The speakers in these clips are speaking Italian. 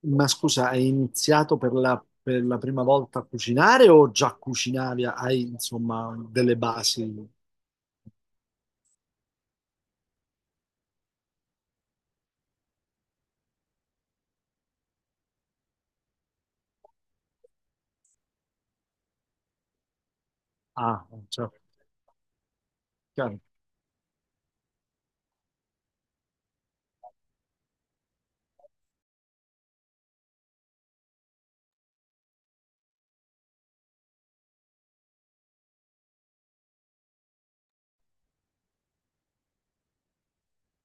Ma scusa, hai iniziato per la prima volta a cucinare o già cucinavi? Hai insomma delle basi? Ah, cioè, chiaro.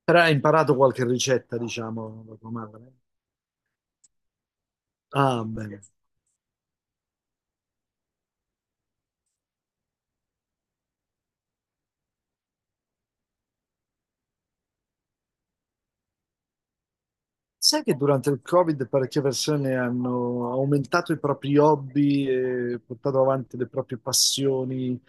Però hai imparato qualche ricetta, diciamo, da tua madre? Ah, bene. Sai che durante il Covid parecchie persone hanno aumentato i propri hobby e portato avanti le proprie passioni.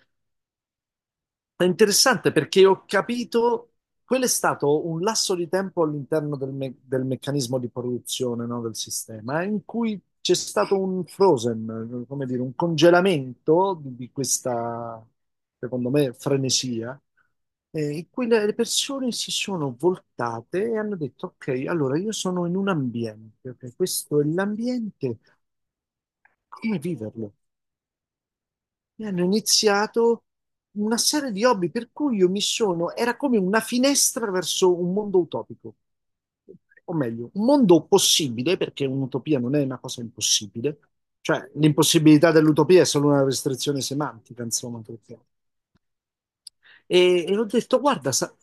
È interessante perché ho capito, quello è stato un lasso di tempo all'interno del meccanismo di produzione, no, del sistema, in cui c'è stato un frozen, come dire, un congelamento di questa, secondo me, frenesia, in cui le persone si sono voltate e hanno detto, ok, allora io sono in un ambiente, ok, questo è l'ambiente, come viverlo? E hanno iniziato una serie di hobby per cui io mi sono, era come una finestra verso un mondo utopico, o meglio, un mondo possibile, perché un'utopia non è una cosa impossibile, cioè l'impossibilità dell'utopia è solo una restrizione semantica, insomma. Perché E ho detto, guarda, sa-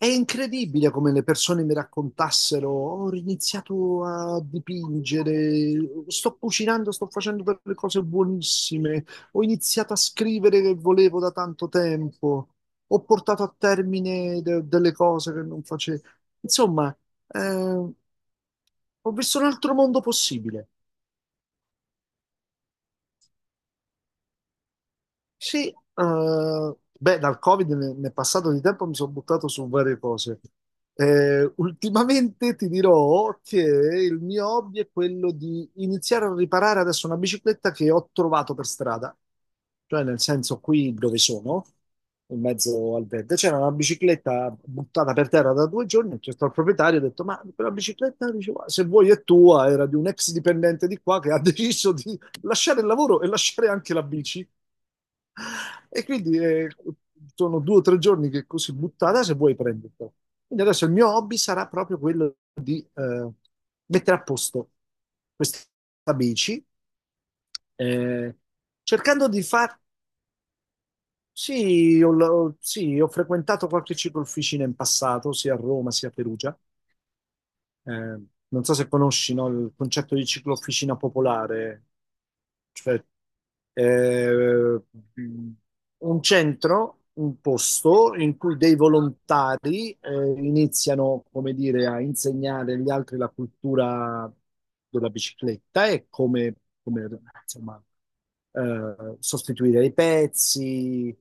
è incredibile come le persone mi raccontassero, ho iniziato a dipingere, sto cucinando, sto facendo delle cose buonissime, ho iniziato a scrivere che volevo da tanto tempo, ho portato a termine de- delle cose che non facevo. Insomma, eh, ho visto un altro mondo possibile. Sì, beh, dal Covid ne- nel passato di tempo mi sono buttato su varie cose. Ultimamente ti dirò che il mio hobby è quello di iniziare a riparare adesso una bicicletta che ho trovato per strada, cioè nel senso qui dove sono, in mezzo al verde, c'era una bicicletta buttata per terra da due giorni, c'è stato il proprietario, ho detto, ma quella bicicletta, diceva, se vuoi è tua, era di un ex dipendente di qua che ha deciso di lasciare il lavoro e lasciare anche la bici. E quindi sono due o tre giorni che così buttata se vuoi prenderlo. Quindi adesso il mio hobby sarà proprio quello di mettere a posto questa bici, eh, cercando di far... Sì ho frequentato qualche ciclofficina in passato, sia a Roma sia a Perugia. Eh, Non so se conosci, no, il concetto di ciclofficina popolare. Cioè eh, un centro, un posto in cui dei volontari iniziano, come dire, a insegnare agli altri la cultura della bicicletta e come, insomma, sostituire i pezzi,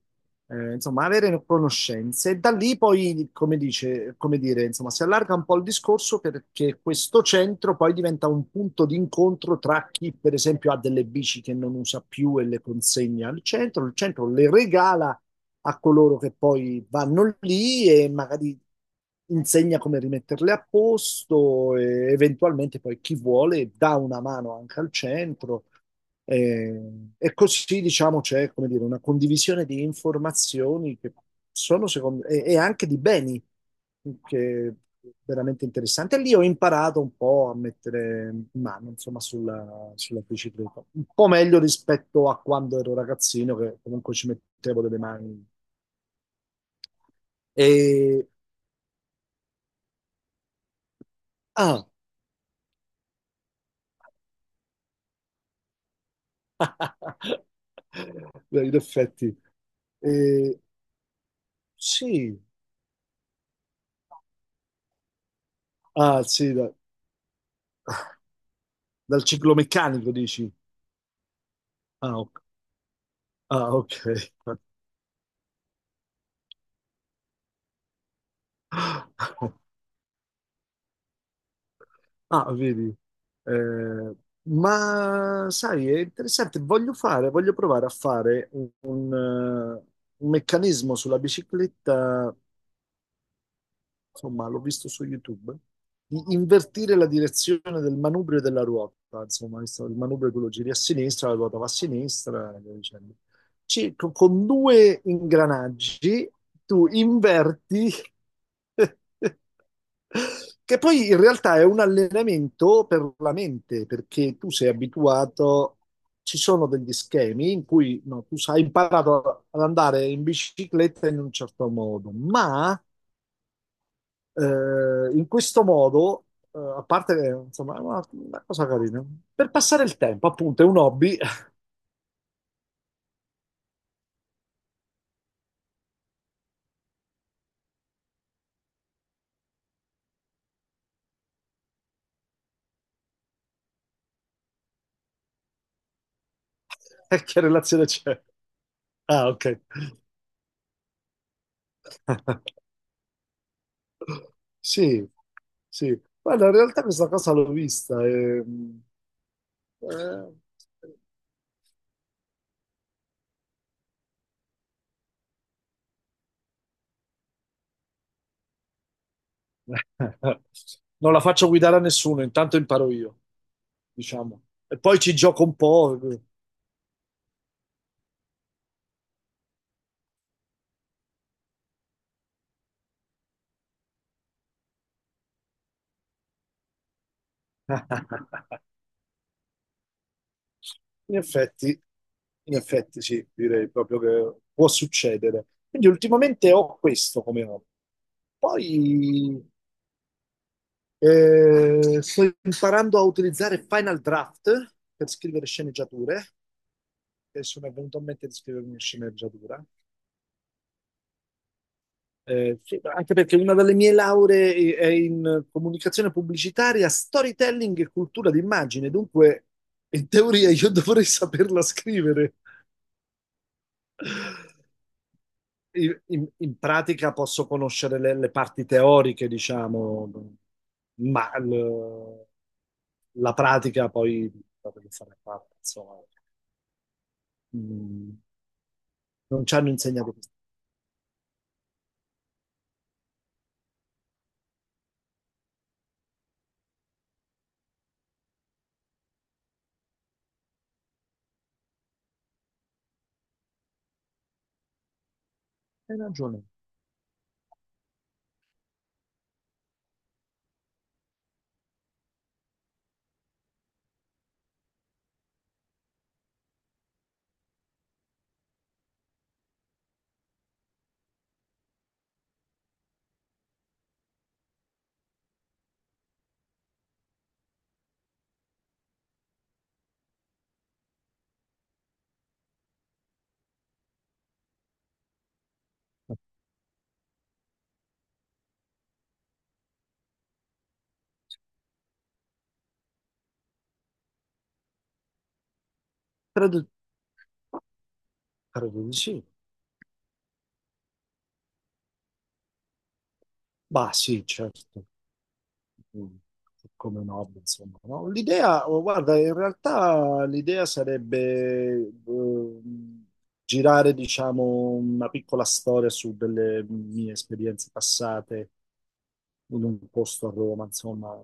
insomma, avere conoscenze. E da lì poi, come dire, insomma, si allarga un po' il discorso perché questo centro poi diventa un punto di incontro tra chi, per esempio, ha delle bici che non usa più e le consegna al centro, il centro le regala a coloro che poi vanno lì e magari insegna come rimetterle a posto e eventualmente poi chi vuole dà una mano anche al centro. E così diciamo c'è come dire, una condivisione di informazioni che sono secondo e anche di beni che è veramente interessante. E lì ho imparato un po' a mettere mano insomma sulla bicicletta, un po' meglio rispetto a quando ero ragazzino che comunque ci mettevo delle mani e... Ah, beh, in effetti. Eh, sì, ah, sì, da- dal ciclomeccanico dici. Ah, ok. Ah, ok. Ah, vedi. Eh, ma sai, è interessante. Voglio fare, voglio provare a fare un meccanismo sulla bicicletta insomma, l'ho visto su YouTube, di invertire la direzione del manubrio e della ruota, insomma, il manubrio tu lo giri a sinistra, la ruota va a sinistra, e via dicendo. Ci- con due ingranaggi tu inverti, che poi in realtà è un allenamento per la mente, perché tu sei abituato... Ci sono degli schemi in cui no, tu hai imparato ad andare in bicicletta in un certo modo, ma in questo modo, a parte che, insomma, è una cosa carina. Per passare il tempo, appunto, è un hobby. E che relazione c'è? Ah, ok. Sì, sì. Guarda, in realtà questa cosa l'ho vista. Eh, Non la faccio guidare a nessuno, intanto imparo io, diciamo. E poi ci gioco un po'. In effetti, in effetti, sì, direi proprio che può succedere. Quindi ultimamente ho questo come hobby. Poi sto imparando a utilizzare Final Draft per scrivere sceneggiature, e sono venuto a mente di scrivere una sceneggiatura. Sì, anche perché una delle mie lauree è in comunicazione pubblicitaria, storytelling e cultura d'immagine, dunque in teoria io dovrei saperla scrivere. In pratica posso conoscere le parti teoriche, diciamo, ma l- la pratica poi la devo fare a parte, insomma. Mm, non ci hanno insegnato questo. Hai ragione. Tradu- traduci? Bah, sì, certo. Mm, come no, insomma. No? L'idea, oh, guarda, in realtà l'idea sarebbe girare, diciamo, una piccola storia su delle mie esperienze passate in un posto a Roma, insomma,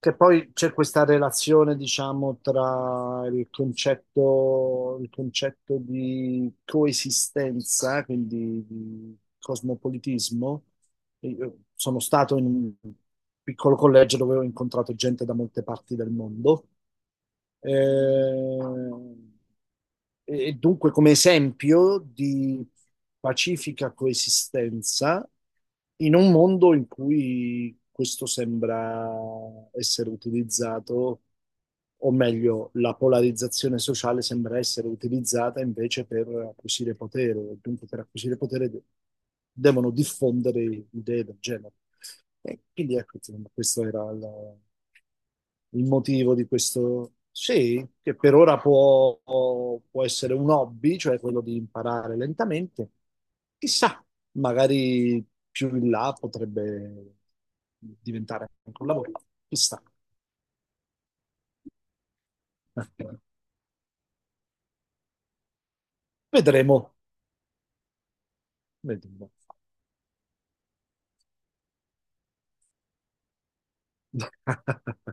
che poi c'è questa relazione, diciamo, tra il concetto di coesistenza, quindi di cosmopolitismo. Io sono stato in un piccolo collegio dove ho incontrato gente da molte parti del mondo eh, e dunque come esempio di pacifica coesistenza in un mondo in cui questo sembra essere utilizzato, o meglio, la polarizzazione sociale sembra essere utilizzata invece per acquisire potere, dunque per acquisire potere de- devono diffondere idee del genere. E quindi ecco, insomma, questo era il motivo di questo. Sì, che per ora può, può essere un hobby, cioè quello di imparare lentamente. Chissà, magari più in là potrebbe diventare anche un lavoro. Chissà. Vedremo, vedremo.